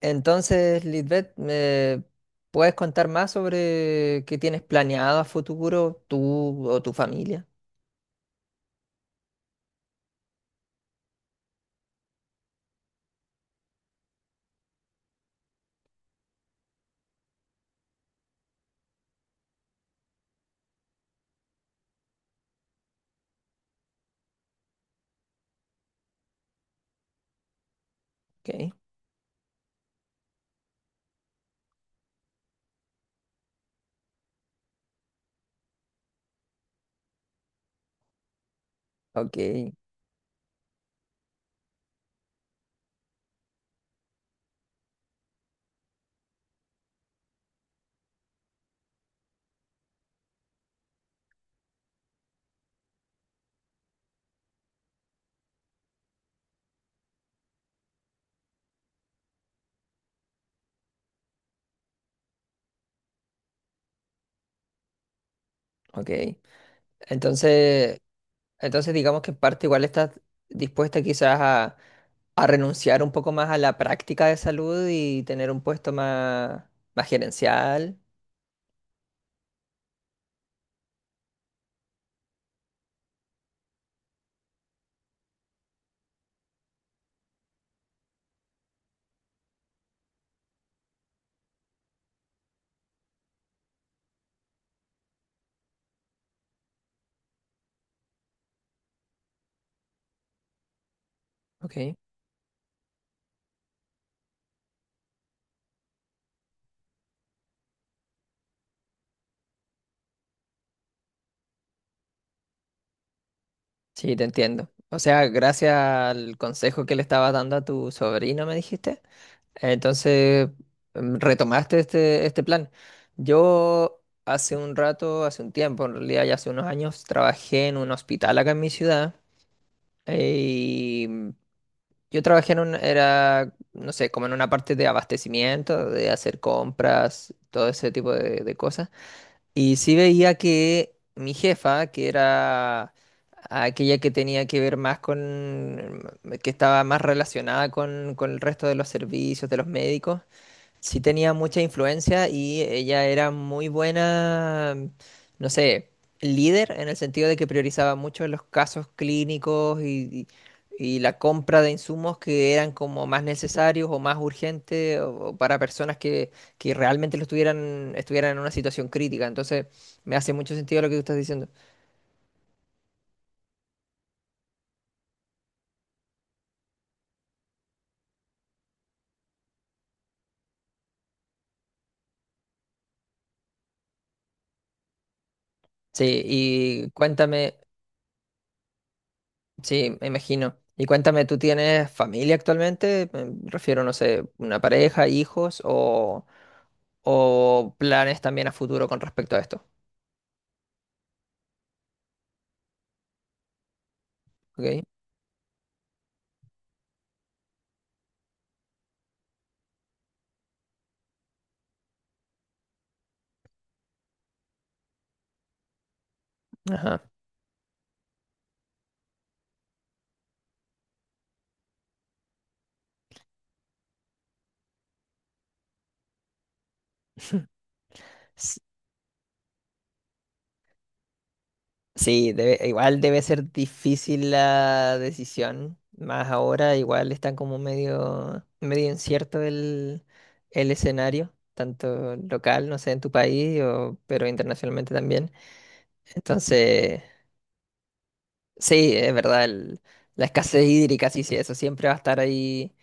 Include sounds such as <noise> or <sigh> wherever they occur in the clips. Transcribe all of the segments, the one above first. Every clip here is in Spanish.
Entonces, Lisbeth, ¿me puedes contar más sobre qué tienes planeado a futuro tú o tu familia? Ok, ok, ok. Entonces, entonces digamos que en parte igual estás dispuesta quizás a renunciar un poco más a la práctica de salud y tener un puesto más, más gerencial. Ok, sí, te entiendo. O sea, gracias al consejo que le estabas dando a tu sobrino, me dijiste. Entonces, retomaste este, este plan. Yo hace un rato, hace un tiempo, en realidad ya hace unos años, trabajé en un hospital acá en mi ciudad. eh, Y mm, yo trabajé en un, era, no sé, como en una parte de abastecimiento, de hacer compras, todo ese tipo de cosas. Y sí veía que mi jefa, que era aquella que tenía que ver más con, que estaba más relacionada con el resto de los servicios, de los médicos, sí tenía mucha influencia y ella era muy buena, no sé, líder en el sentido de que priorizaba mucho los casos clínicos y la compra de insumos que eran como más necesarios o más urgentes o para personas que realmente lo estuvieran en una situación crítica. Entonces, me hace mucho sentido lo que tú estás diciendo. Sí, y cuéntame. Sí, me imagino. Y cuéntame, ¿tú tienes familia actualmente? Me refiero, no sé, una pareja, hijos o planes también a futuro con respecto a esto. ¿Ok? Ajá. <laughs> S- Sí, igual debe ser difícil la decisión. Más ahora, igual está como medio, medio incierto el escenario, tanto local, no sé, en tu país, pero internacionalmente también. Entonces. Sí, es verdad, la escasez hídrica, sí, sí, eso siempre va a estar ahí,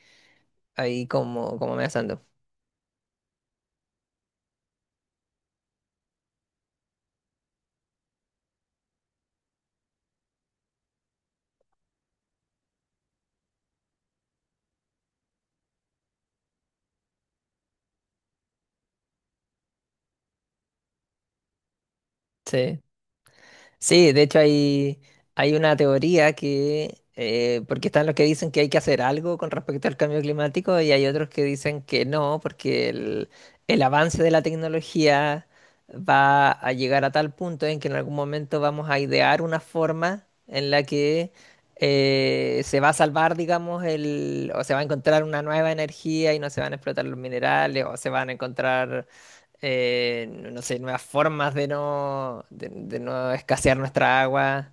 ahí como, como amenazando. Sí. Sí, de hecho hay, hay una teoría que, porque están los que dicen que hay que hacer algo con respecto al cambio climático y hay otros que dicen que no, porque el avance de la tecnología va a llegar a tal punto en que en algún momento vamos a idear una forma en la que se va a salvar, digamos, el, o se va a encontrar una nueva energía y no se van a explotar los minerales o se van a encontrar no sé, nuevas formas de no escasear nuestra agua.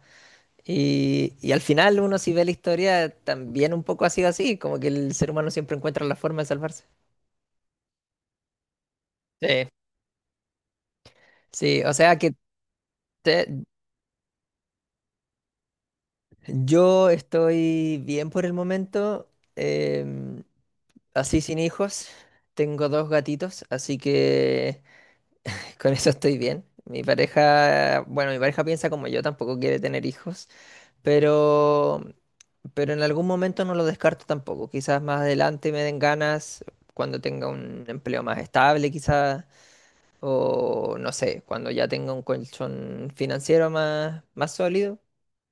Y al final uno si ve la historia también un poco ha sido así, como que el ser humano siempre encuentra la forma de salvarse. Sí, sí, o sea que te- yo estoy bien por el momento, em, así sin hijos, tengo dos gatitos, así que con eso estoy bien. Mi pareja, bueno, mi pareja piensa como yo, tampoco quiere tener hijos. Pero, pero en algún momento no lo descarto tampoco. Quizás más adelante me den ganas cuando tenga un empleo más estable, quizás, o no sé, cuando ya tenga un colchón financiero más, más sólido.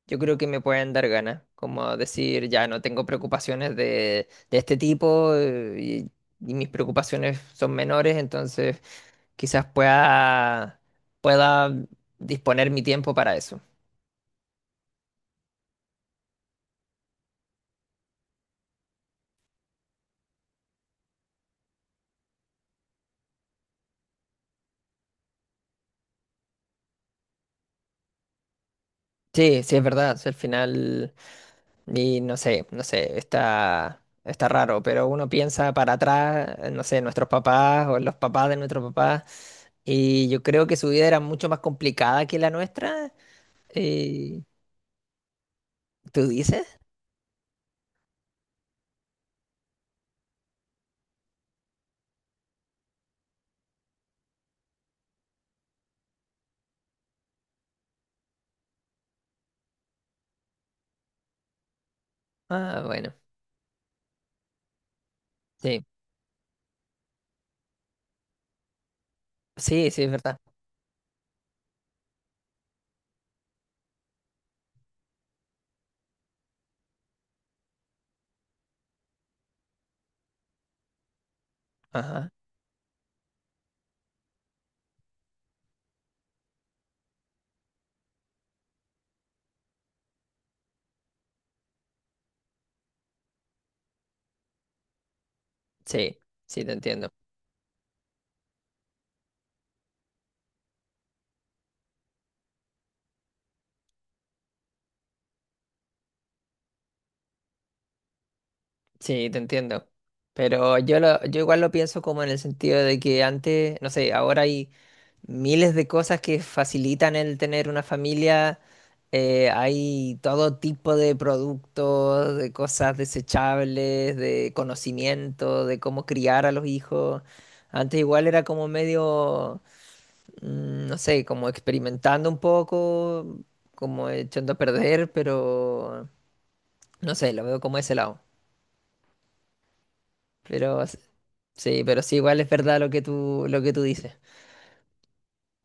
Yo creo que me pueden dar ganas, como decir, ya no tengo preocupaciones de este tipo y mis preocupaciones son menores, entonces quizás pueda, pueda disponer mi tiempo para eso. Sí, sí, es verdad. O sea, al final. Y no sé, no sé, está, está raro, pero uno piensa para atrás, no sé, nuestros papás o los papás de nuestros papás, y yo creo que su vida era mucho más complicada que la nuestra. eh, ¿Tú dices? Ah, bueno, sí, sí, sí, es verdad. Ajá, sí, sí, te entiendo, sí, te entiendo. Pero yo, lo, yo igual lo pienso como en el sentido de que antes, no sé, ahora hay miles de cosas que facilitan el tener una familia. Hay todo tipo de productos, de cosas desechables, de conocimiento, de cómo criar a los hijos. Antes igual era como medio, no sé, como experimentando un poco, como echando a perder, pero no sé, lo veo como ese lado. Pero s- sí, pero sí, igual es verdad lo que tú dices.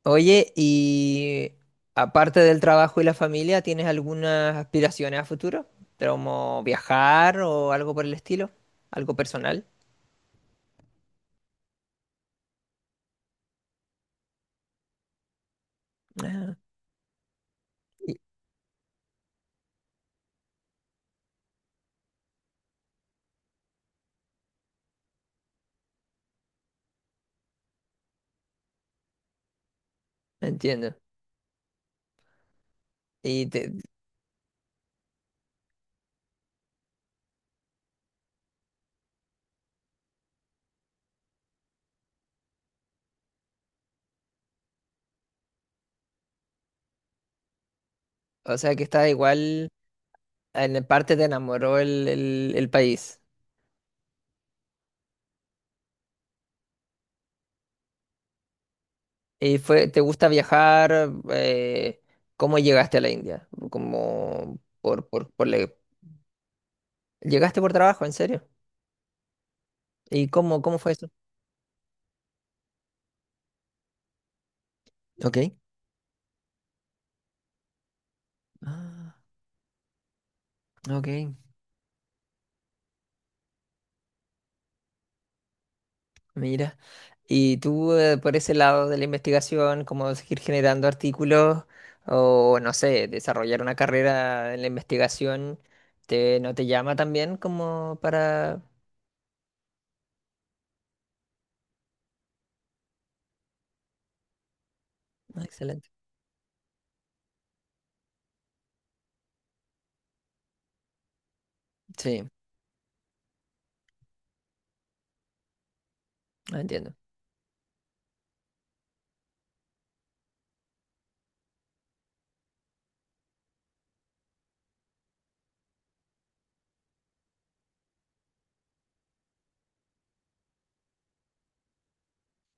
Oye, y aparte del trabajo y la familia, ¿tienes algunas aspiraciones a futuro? ¿Como viajar o algo por el estilo? ¿Algo personal? Ah, y- entiendo. Y te- o sea que está igual, en parte te enamoró el, el país. ¿Y fue, te gusta viajar? ¿Cómo llegaste a la India? Como por, ¿Llegaste por trabajo, en serio? ¿Y cómo, cómo fue eso? Ok. Ah, ok. Mira, ¿y tú por ese lado de la investigación, cómo seguir generando artículos o, no sé, desarrollar una carrera en la investigación, no te llama también como para... Ah, excelente. Sí, ah, entiendo.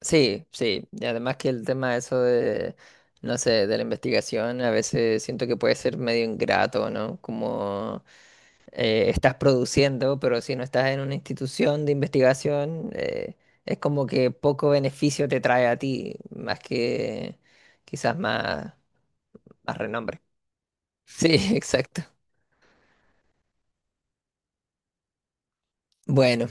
Sí, sí, y además que el tema eso de, no sé, de la investigación, a veces siento que puede ser medio ingrato, ¿no? Como estás produciendo, pero si no estás en una institución de investigación, es como que poco beneficio te trae a ti, más que quizás más, más renombre. Sí, <laughs> exacto. Bueno,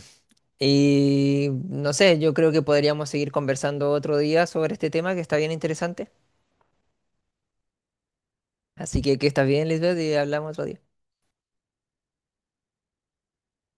y no sé, yo creo que podríamos seguir conversando otro día sobre este tema que está bien interesante. Así que estás bien, Lisbeth, y hablamos otro día.